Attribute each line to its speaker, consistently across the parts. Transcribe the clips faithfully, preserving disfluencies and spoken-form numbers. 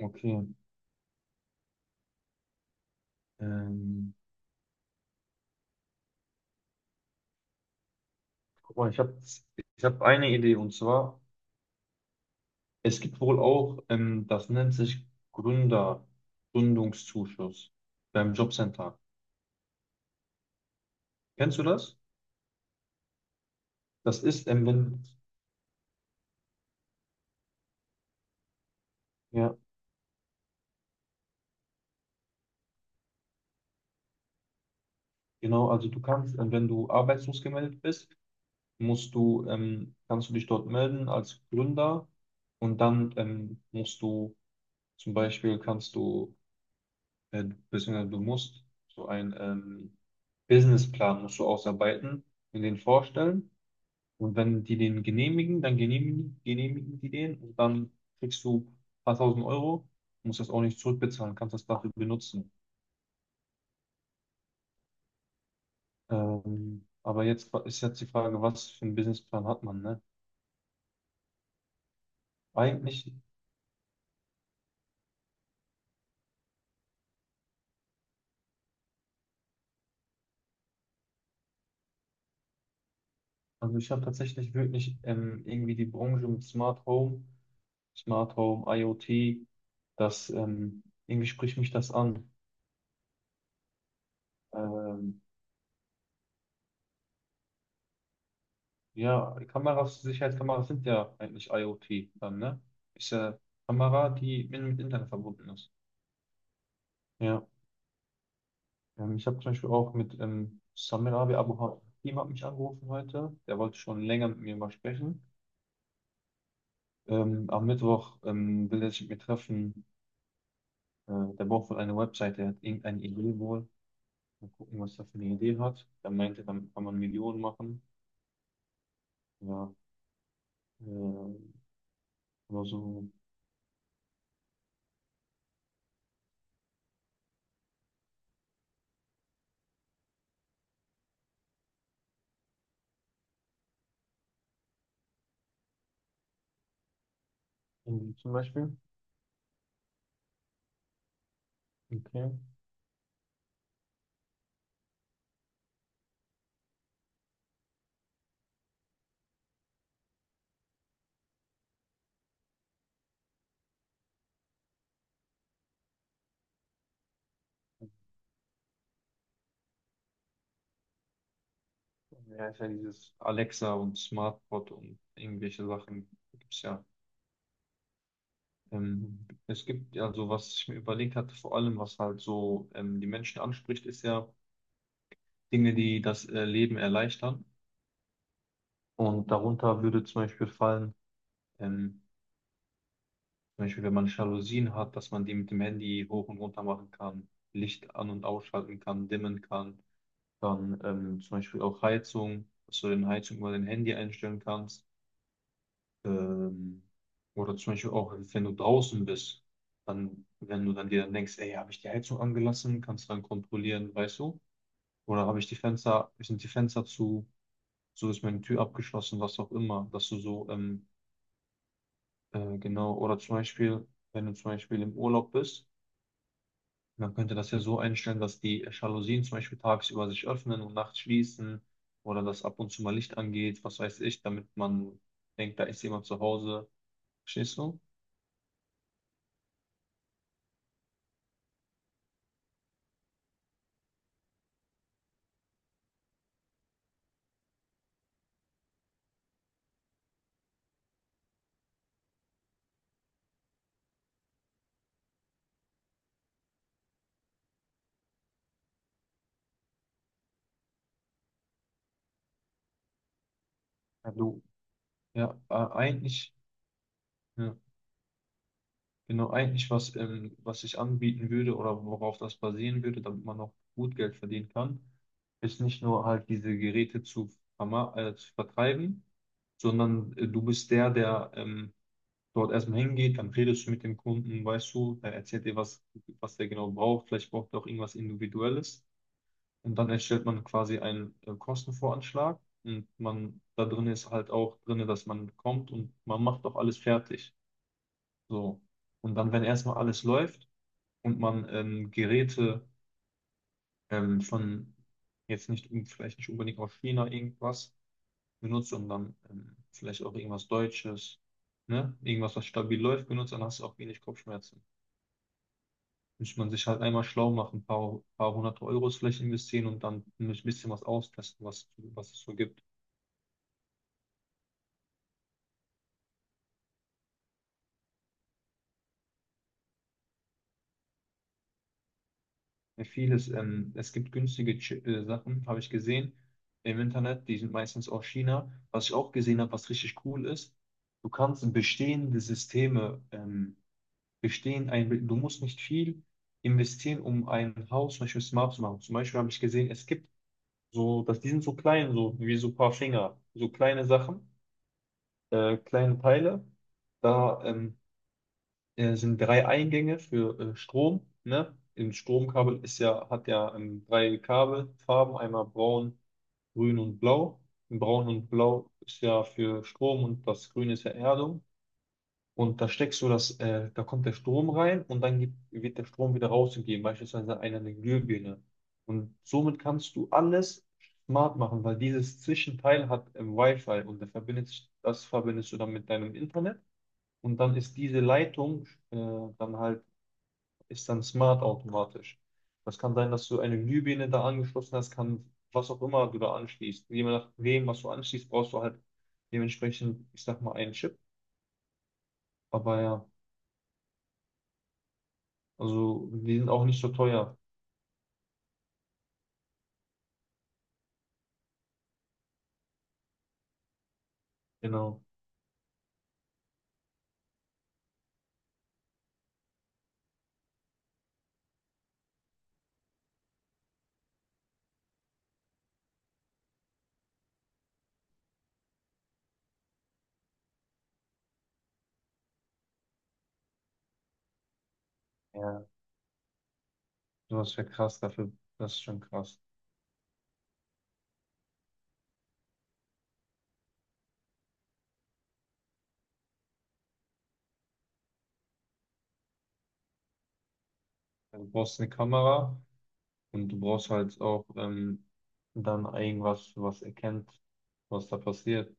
Speaker 1: Okay. Ähm, Guck mal, ich habe ich hab eine Idee, und zwar es gibt wohl auch, ähm, das nennt sich Gründer, Gründungszuschuss beim Jobcenter. Kennst du das? Das ist, ähm, wenn, ja, genau, also du kannst, ähm, wenn du arbeitslos gemeldet bist, musst du, ähm, kannst du dich dort melden als Gründer, und dann ähm, musst du, zum Beispiel kannst du äh, beziehungsweise du musst so einen ähm, Businessplan musst du ausarbeiten und den vorstellen. Und wenn die den genehmigen, dann genehmigen, genehmigen die den, und dann kriegst du ein paar tausend Euro, musst das auch nicht zurückbezahlen, kannst das dafür benutzen. Ähm, aber jetzt fra- ist jetzt die Frage, was für einen Businessplan hat man, ne? Eigentlich, also ich habe tatsächlich wirklich ähm, irgendwie die Branche mit Smart Home, Smart Home, IoT, das ähm, irgendwie spricht mich das an. Ähm, Ja, die Kameras, Sicherheitskameras sind ja eigentlich IoT dann, ne? Ist ja Kamera, die mit, mit Internet verbunden ist. Ja, ähm, ich habe zum Beispiel auch mit ähm, Samir Abi Abu Hakim hat mich angerufen heute. Der wollte schon länger mit mir mal sprechen. Ähm, am Mittwoch ähm, will er sich mit mir treffen. Äh, der braucht wohl eine Webseite, er hat irgendeine Idee wohl. Mal gucken, was er für eine Idee hat. Er meinte, damit kann man Millionen machen. Ja, äh, oder so. Irgendwie zum Beispiel. Okay. Ja, ist ja dieses Alexa und SmartBot und irgendwelche Sachen gibt's ja. Ähm, es gibt ja so, was ich mir überlegt hatte, vor allem, was halt so ähm, die Menschen anspricht, ist ja Dinge, die das äh, Leben erleichtern. Und darunter würde zum Beispiel fallen, ähm, zum Beispiel, wenn man Jalousien hat, dass man die mit dem Handy hoch und runter machen kann, Licht an- und ausschalten kann, dimmen kann. Dann ähm, zum Beispiel auch Heizung, dass du den Heizung über dein Handy einstellen kannst. Ähm, oder zum Beispiel auch, wenn du draußen bist, dann, wenn du dann dir dann denkst, ey, habe ich die Heizung angelassen, kannst du dann kontrollieren, weißt du? Oder habe ich die Fenster, sind die Fenster zu, so ist meine Tür abgeschlossen, was auch immer, dass du so, ähm, äh, genau, oder zum Beispiel, wenn du zum Beispiel im Urlaub bist, man könnte das ja so einstellen, dass die Jalousien zum Beispiel tagsüber sich öffnen und nachts schließen, oder dass ab und zu mal Licht angeht, was weiß ich, damit man denkt, da ist jemand zu Hause. Verstehst du? Ja, du, ja, äh, eigentlich, ja, genau, eigentlich, was, ähm, was ich anbieten würde oder worauf das basieren würde, damit man noch gut Geld verdienen kann, ist nicht nur halt diese Geräte zu, verma- äh, zu vertreiben, sondern äh, du bist der, der ähm, dort erstmal hingeht, dann redest du mit dem Kunden, weißt du, er erzählt dir, was, was der genau braucht, vielleicht braucht er auch irgendwas Individuelles. Und dann erstellt man quasi einen äh, Kostenvoranschlag, und man, da drin ist halt auch drin, dass man kommt und man macht auch alles fertig. So. Und dann, wenn erstmal alles läuft und man ähm, Geräte ähm, von jetzt nicht, un- vielleicht nicht unbedingt aus China irgendwas benutzt, sondern ähm, vielleicht auch irgendwas Deutsches, ne? Irgendwas, was stabil läuft, benutzt, dann hast du auch wenig Kopfschmerzen. Muss man sich halt einmal schlau machen, ein paar, paar hundert Euros vielleicht investieren und dann ein bisschen was austesten, was, was es so gibt. Vieles, ähm, es gibt günstige Chi- äh, Sachen, habe ich gesehen im Internet, die sind meistens aus China. Was ich auch gesehen habe, was richtig cool ist, du kannst bestehende Systeme, ähm, bestehen, ein, du musst nicht viel investieren, um ein Haus zum Beispiel smart zu machen. Zum Beispiel habe ich gesehen, es gibt so, dass die sind so klein, so wie so ein paar Finger, so kleine Sachen, äh, kleine Teile. Da ähm, äh, sind drei Eingänge für äh, Strom, ne? Im Stromkabel ist ja, hat ja ähm, drei Kabelfarben, einmal braun, grün und blau. Braun und blau ist ja für Strom und das Grün ist ja Erdung. Und da steckst du das, äh, da kommt der Strom rein und dann gibt, wird der Strom wieder rausgegeben, beispielsweise eine eine Glühbirne. Und somit kannst du alles smart machen, weil dieses Zwischenteil hat ähm, Wi-Fi, und da verbindet, sich- das verbindest du dann mit deinem Internet. Und dann ist diese Leitung äh, dann halt ist dann smart automatisch. Das kann sein, dass du eine Glühbirne da angeschlossen hast, kann was auch immer du da anschließt. Je nachdem, was du anschließt, brauchst du halt dementsprechend, ich sag mal, einen Chip. Aber ja, also die sind auch nicht so teuer. Genau. Ja, sowas wäre krass dafür. Das ist schon krass. Also, du brauchst eine Kamera und du brauchst halt auch ähm, dann irgendwas, was erkennt, was da passiert,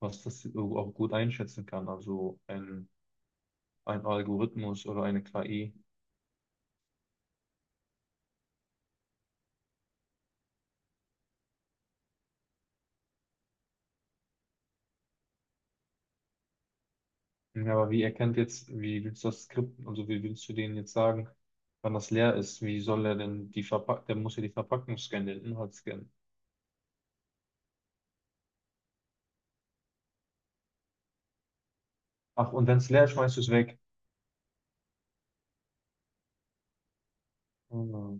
Speaker 1: was das auch gut einschätzen kann. Also ein, ein Algorithmus oder eine K I. Ja, aber wie erkennt jetzt, wie willst du das Skript, also wie willst du denen jetzt sagen, wann das leer ist? Wie soll er denn die Verpackung, der muss ja die Verpackung scannen, den Inhalt scannen. Ach, und wenn es leer ist, schmeißt du es weg. Hm.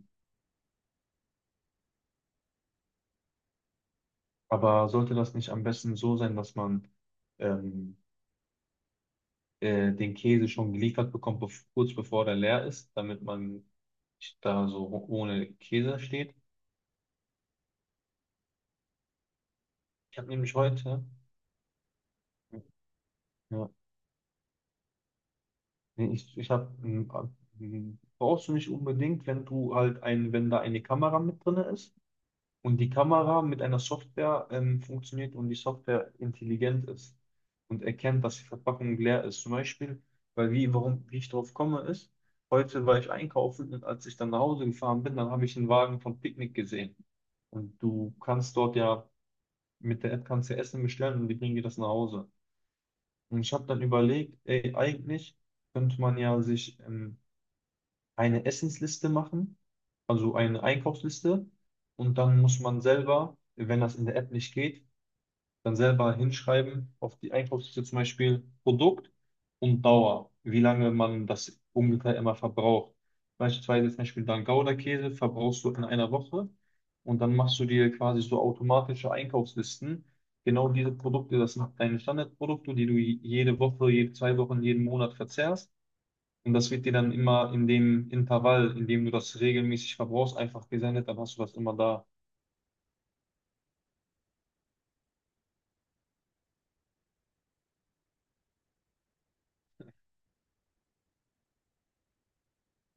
Speaker 1: Aber sollte das nicht am besten so sein, dass man ähm, äh, den Käse schon geliefert bekommt, bev- kurz bevor der leer ist, damit man nicht da so ohne Käse steht? Ich habe nämlich heute, ja, nee, Ich, ich habe, brauchst du nicht unbedingt, wenn du halt ein, wenn da eine Kamera mit drin ist und die Kamera mit einer Software ähm, funktioniert und die Software intelligent ist und erkennt, dass die Verpackung leer ist. Zum Beispiel, weil wie, warum, wie ich drauf komme, ist, heute war ich einkaufen, und als ich dann nach Hause gefahren bin, dann habe ich einen Wagen von Picknick gesehen. Und du kannst dort ja mit der App kannst du Essen bestellen und die bringen dir das nach Hause. Und ich habe dann überlegt, ey, eigentlich könnte man ja sich ähm, eine Essensliste machen, also eine Einkaufsliste. Und dann muss man selber, wenn das in der App nicht geht, dann selber hinschreiben auf die Einkaufsliste zum Beispiel Produkt und Dauer, wie lange man das ungefähr immer verbraucht. Beispielsweise zum Beispiel dann Gouda-Käse verbrauchst du in einer Woche, und dann machst du dir quasi so automatische Einkaufslisten. Genau diese Produkte, das sind deine Standardprodukte, die du jede Woche, jede zwei Wochen, jeden Monat verzehrst. Und das wird dir dann immer in dem Intervall, in dem du das regelmäßig verbrauchst, einfach gesendet, dann hast du das immer da.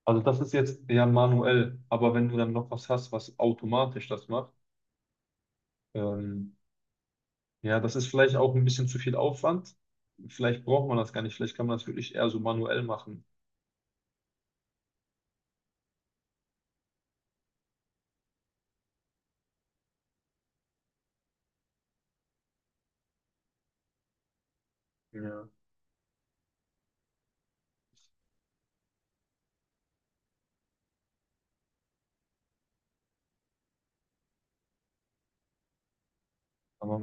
Speaker 1: Also das ist jetzt ja manuell, aber wenn du dann noch was hast, was automatisch das macht, ähm, ja, das ist vielleicht auch ein bisschen zu viel Aufwand. Vielleicht braucht man das gar nicht, vielleicht kann man das wirklich eher so manuell machen. Ja. Aber